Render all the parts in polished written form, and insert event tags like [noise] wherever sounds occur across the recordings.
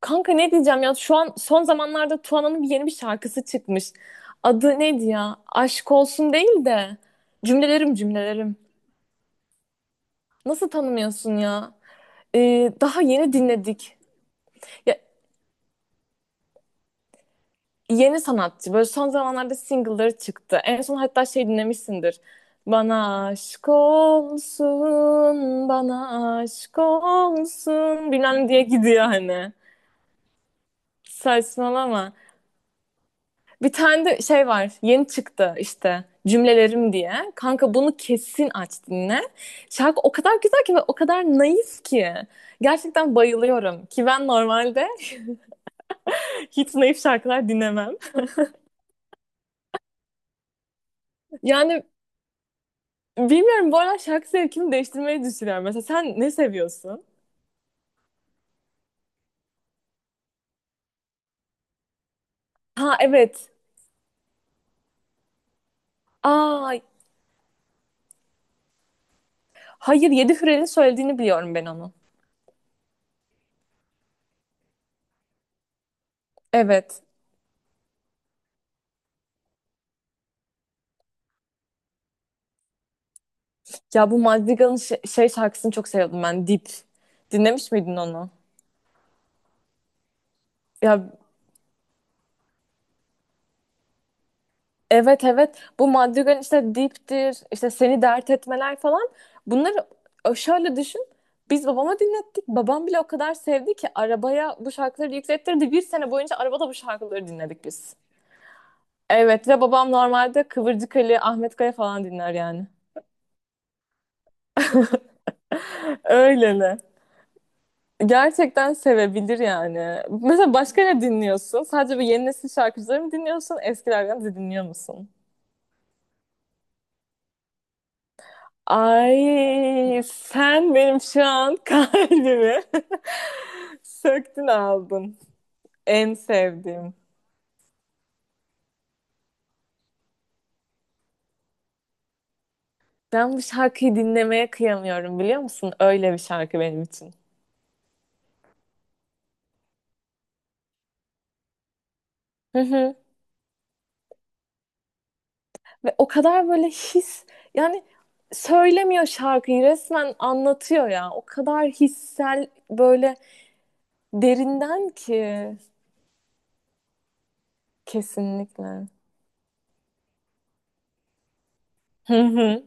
Kanka, ne diyeceğim ya? Şu an son zamanlarda Tuana'nın yeni bir şarkısı çıkmış. Adı neydi ya? Aşk olsun değil de cümlelerim, cümlelerim. Nasıl tanımıyorsun ya? Daha yeni dinledik. Ya, yeni sanatçı, böyle son zamanlarda single'ları çıktı. En son hatta şey dinlemişsindir. Bana aşk olsun, bana aşk olsun bilmem diye gidiyor hani. Saçmalama. Bir tane de şey var. Yeni çıktı işte, cümlelerim diye. Kanka, bunu kesin aç dinle. Şarkı o kadar güzel ki ve o kadar naif ki. Gerçekten bayılıyorum. Ki ben normalde hiç naif şarkılar dinlemem. Yani bilmiyorum, bu arada şarkı zevkimi değiştirmeyi düşünüyorum. Mesela sen ne seviyorsun? Ha, evet. Ay, hayır, Yedi Hürel'in söylediğini biliyorum ben onu. Evet. Ya, bu Madrigal'ın şey şarkısını çok seviyordum ben. Dip. Dinlemiş miydin onu? Ya, evet evet, bu Madrigal'in işte diptir, işte seni dert etmeler falan, bunları şöyle düşün, biz babama dinlettik, babam bile o kadar sevdi ki arabaya bu şarkıları yüklettirdi, bir sene boyunca arabada bu şarkıları dinledik biz. Evet ve babam normalde Kıvırcık Ali, Ahmet Kaya falan dinler yani. [laughs] Öyleli. Gerçekten sevebilir yani. Mesela başka ne dinliyorsun? Sadece bu yeni nesil şarkıcıları mı dinliyorsun? Eskilerden de dinliyor musun? Ay, sen benim şu an [laughs] kalbimi [laughs] söktün aldın. En sevdiğim. Ben bu şarkıyı dinlemeye kıyamıyorum, biliyor musun? Öyle bir şarkı benim için. Hı hı. Ve o kadar böyle his, yani söylemiyor, şarkıyı resmen anlatıyor ya. O kadar hissel, böyle derinden ki, kesinlikle. Hı hı.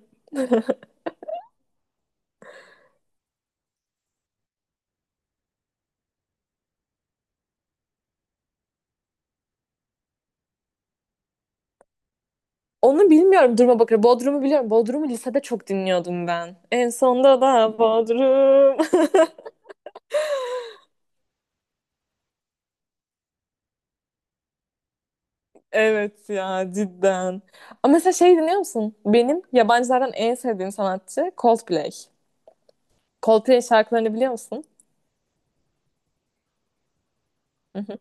Onu bilmiyorum, duruma bakıyorum. Bodrum'u biliyorum. Bodrum'u lisede çok dinliyordum ben. En sonda da Bodrum. [laughs] Evet ya, cidden. Ama mesela şey dinliyor musun? Benim yabancılardan en sevdiğim sanatçı Coldplay. Coldplay şarkılarını biliyor musun? Hı hı.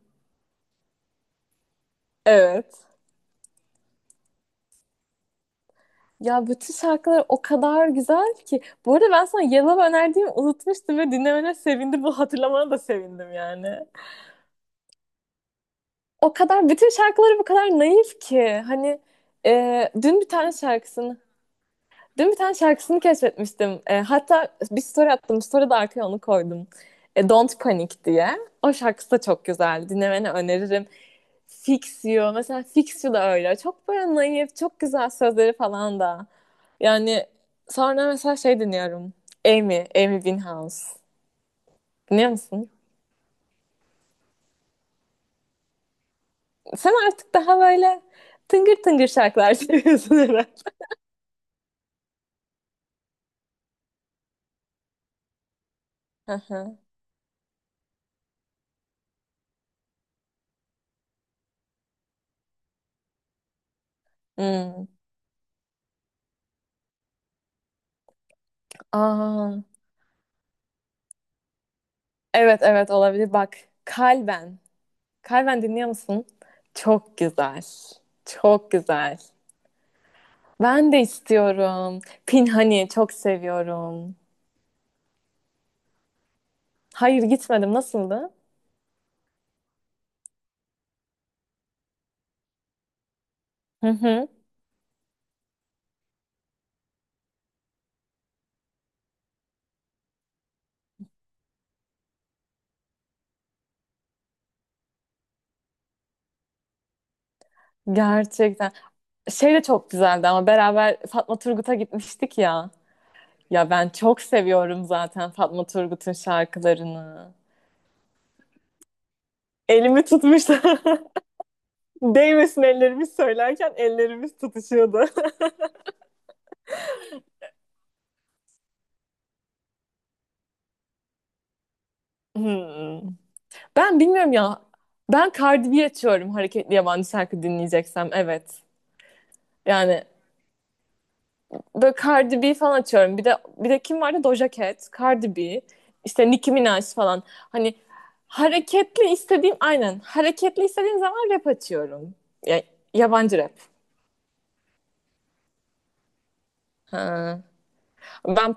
Evet. Ya, bütün şarkılar o kadar güzel ki. Bu arada, ben sana Yellow önerdiğimi unutmuştum ve dinlemene sevindim. Bu hatırlamana da sevindim yani. O kadar bütün şarkıları bu kadar naif ki. Hani e, dün bir tane şarkısını dün bir tane şarkısını keşfetmiştim. Hatta bir story attım. Story'de arkaya onu koydum. Don't Panic diye. O şarkısı da çok güzel. Dinlemeni öneririm. Fix You. Mesela Fix You da öyle. Çok böyle naif, çok güzel sözleri falan da. Yani sonra mesela şey dinliyorum. Amy Winehouse. Dinliyor musun? Sen artık daha böyle tıngır tıngır şarkılar [laughs] seviyorsun herhalde. Hı hı. Hmm. Aa, evet evet, olabilir. Bak, Kalben. Kalben dinliyor musun? Çok güzel. Çok güzel. Ben de istiyorum. Pinhani çok seviyorum. Hayır, gitmedim. Nasıldı? Hı hı. Gerçekten. Şey de çok güzeldi ama beraber Fatma Turgut'a gitmiştik ya. Ya, ben çok seviyorum zaten Fatma Turgut'un şarkılarını. Elimi tutmuştu. [laughs] Değmesin ellerimiz söylerken ellerimiz tutuşuyordu. [laughs] Hmm. Ben bilmiyorum ya. Ben Cardi B açıyorum hareketli yabancı şarkı dinleyeceksem. Evet. Yani böyle Cardi B falan açıyorum. Bir de kim vardı? Doja Cat, Cardi B, işte Nicki Minaj falan. Hani hareketli istediğim aynen. Hareketli istediğim zaman rap açıyorum. Ya, yabancı rap. Ha. Ben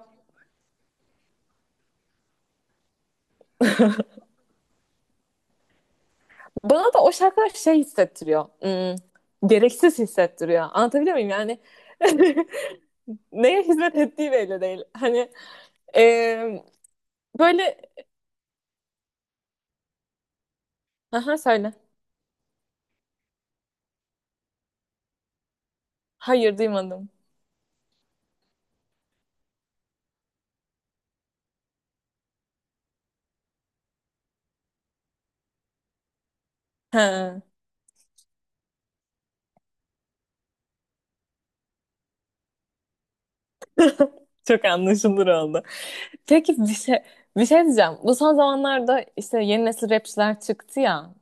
bana da o şarkılar şey hissettiriyor. Gereksiz hissettiriyor. Anlatabiliyor muyum? Yani [laughs] neye hizmet ettiği belli değil. Hani eee, böyle aha, söyle. Hayır, duymadım. Ha, çok anlaşılır oldu. Peki, bir şey diyeceğim. Bu son zamanlarda işte yeni nesil rapçiler çıktı ya.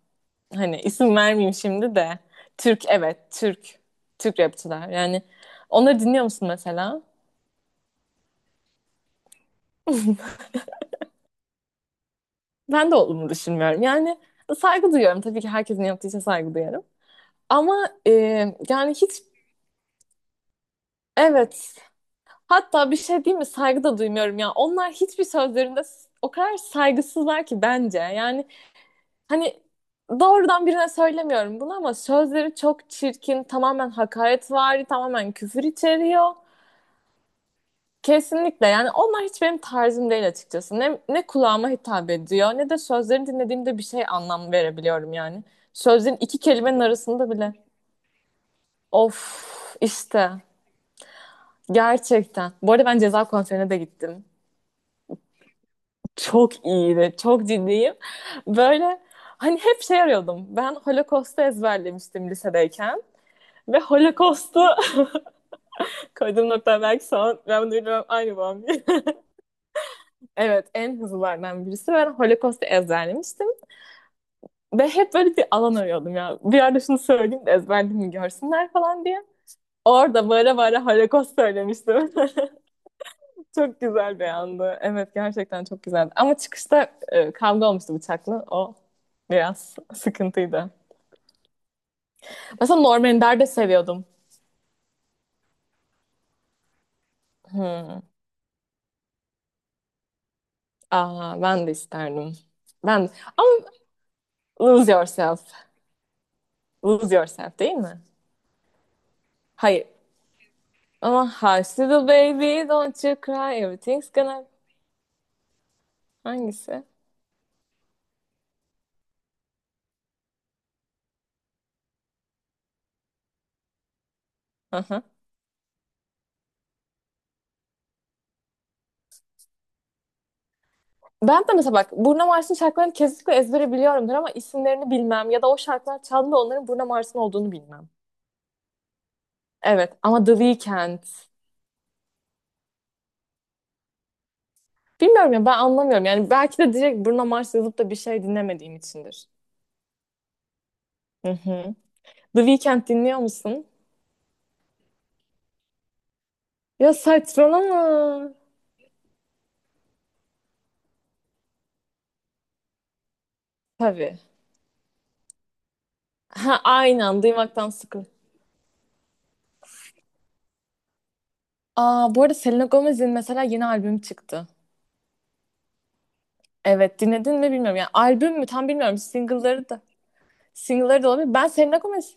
Hani isim vermeyeyim şimdi de. Türk, evet, Türk. Türk rapçiler. Yani onları dinliyor musun mesela? Ben de olduğumu düşünmüyorum. Yani saygı duyuyorum. Tabii ki herkesin yaptığı için saygı duyuyorum. Ama yani hiç, evet, hatta bir şey değil mi? Saygı da duymuyorum ya. Onlar hiçbir sözlerinde o kadar saygısızlar ki, bence. Yani. Hani doğrudan birine söylemiyorum bunu ama sözleri çok çirkin, tamamen hakaretvari, tamamen küfür içeriyor. Kesinlikle, yani onlar hiç benim tarzım değil açıkçası. Ne, ne kulağıma hitap ediyor ne de sözlerini dinlediğimde bir şey anlam verebiliyorum yani. Sözlerin iki kelimenin arasında bile. Of, işte gerçekten. Bu arada ben Ceza konserine de gittim. Çok iyiydi, çok ciddiyim. Böyle hani hep şey arıyordum. Ben Holocaust'u ezberlemiştim lisedeyken. Ve Holocaust'u [laughs] koyduğum nokta belki son. Ben de bilmem aynı babam diye. [laughs] Evet, en hızlılardan birisi. Ben Holocaust'u ezberlemiştim. Ve hep böyle bir alan arıyordum ya. Bir yerde şunu söyleyeyim de ezberlediğimi görsünler falan diye. Orada bağıra bağıra Holocaust söylemiştim. [laughs] çok güzel bir andı. Evet, gerçekten çok güzeldi. Ama çıkışta kavga olmuştu bıçakla. O biraz sıkıntıydı. Mesela Norman de seviyordum. Hmm. Aa, ben de isterdim. Ben de- ama Lose Yourself. Lose Yourself değil mi? Hayır. Ama Hush Little Baby Don't You Cry Everything's Gonna... Hangisi? Aha. Ben de mesela bak, Burna Mars'ın şarkılarını kesinlikle ezbere biliyorumdur ama isimlerini bilmem ya da o şarkılar çaldığında onların Burna Mars'ın olduğunu bilmem. Evet, ama The Weeknd. Bilmiyorum ya, ben anlamıyorum. Yani belki de direkt Bruno Mars yazıp da bir şey dinlemediğim içindir. Hı hı. The Weeknd dinliyor musun? Ya, saçmalama. Tabii. Ha, aynen, duymaktan sıkıl. Aa, bu arada Selena Gomez'in mesela yeni albüm çıktı. Evet, dinledin mi bilmiyorum. Yani albüm mü, tam bilmiyorum. Single'ları da. Single'ları da olabilir. Ben Selena Gomez.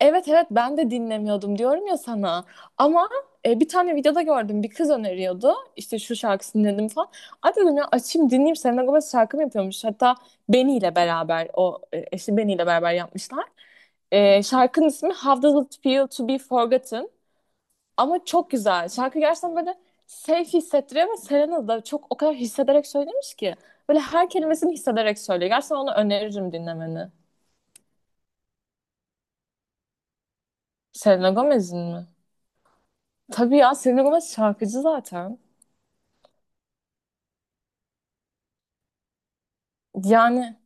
Evet evet, ben de dinlemiyordum diyorum ya sana. Ama bir tane videoda gördüm. Bir kız öneriyordu. İşte şu şarkısını dinledim falan. Ay, dedim ya, açayım dinleyeyim, Selena Gomez şarkı mı yapıyormuş. Hatta Benny ile beraber o e, eşi Benny ile beraber yapmışlar. Şarkının ismi How Does It Feel to Be Forgotten. Ama çok güzel. Şarkı gerçekten böyle safe hissettiriyor ve Selena da çok o kadar hissederek söylemiş ki. Böyle her kelimesini hissederek söylüyor. Gerçekten onu öneririm dinlemeni. Selena Gomez'in mi? Tabii ya, Selena Gomez şarkıcı zaten. Yani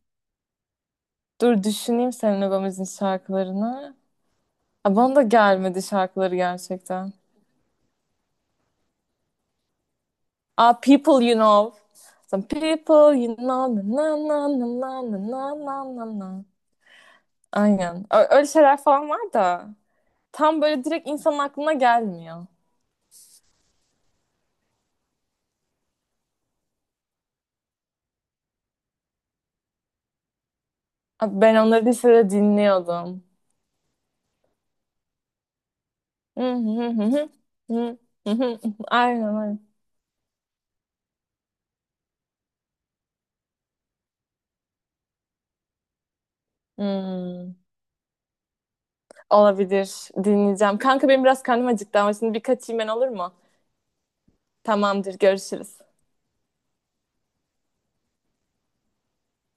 dur, düşüneyim Selena Gomez'in şarkılarını. Aa, bana da gelmedi şarkıları gerçekten. Aa, People You Know. Some people you know, na na na na na na na na na. Aynen. Öyle şeyler falan var da tam böyle direkt insanın aklına gelmiyor. Abi, ben onları lisede dinliyordum. [laughs] Aynen, aynen. Hmm, olabilir. Dinleyeceğim. Kanka, benim biraz karnım acıktı ama şimdi bir kaçayım ben, olur mu? Tamamdır, görüşürüz.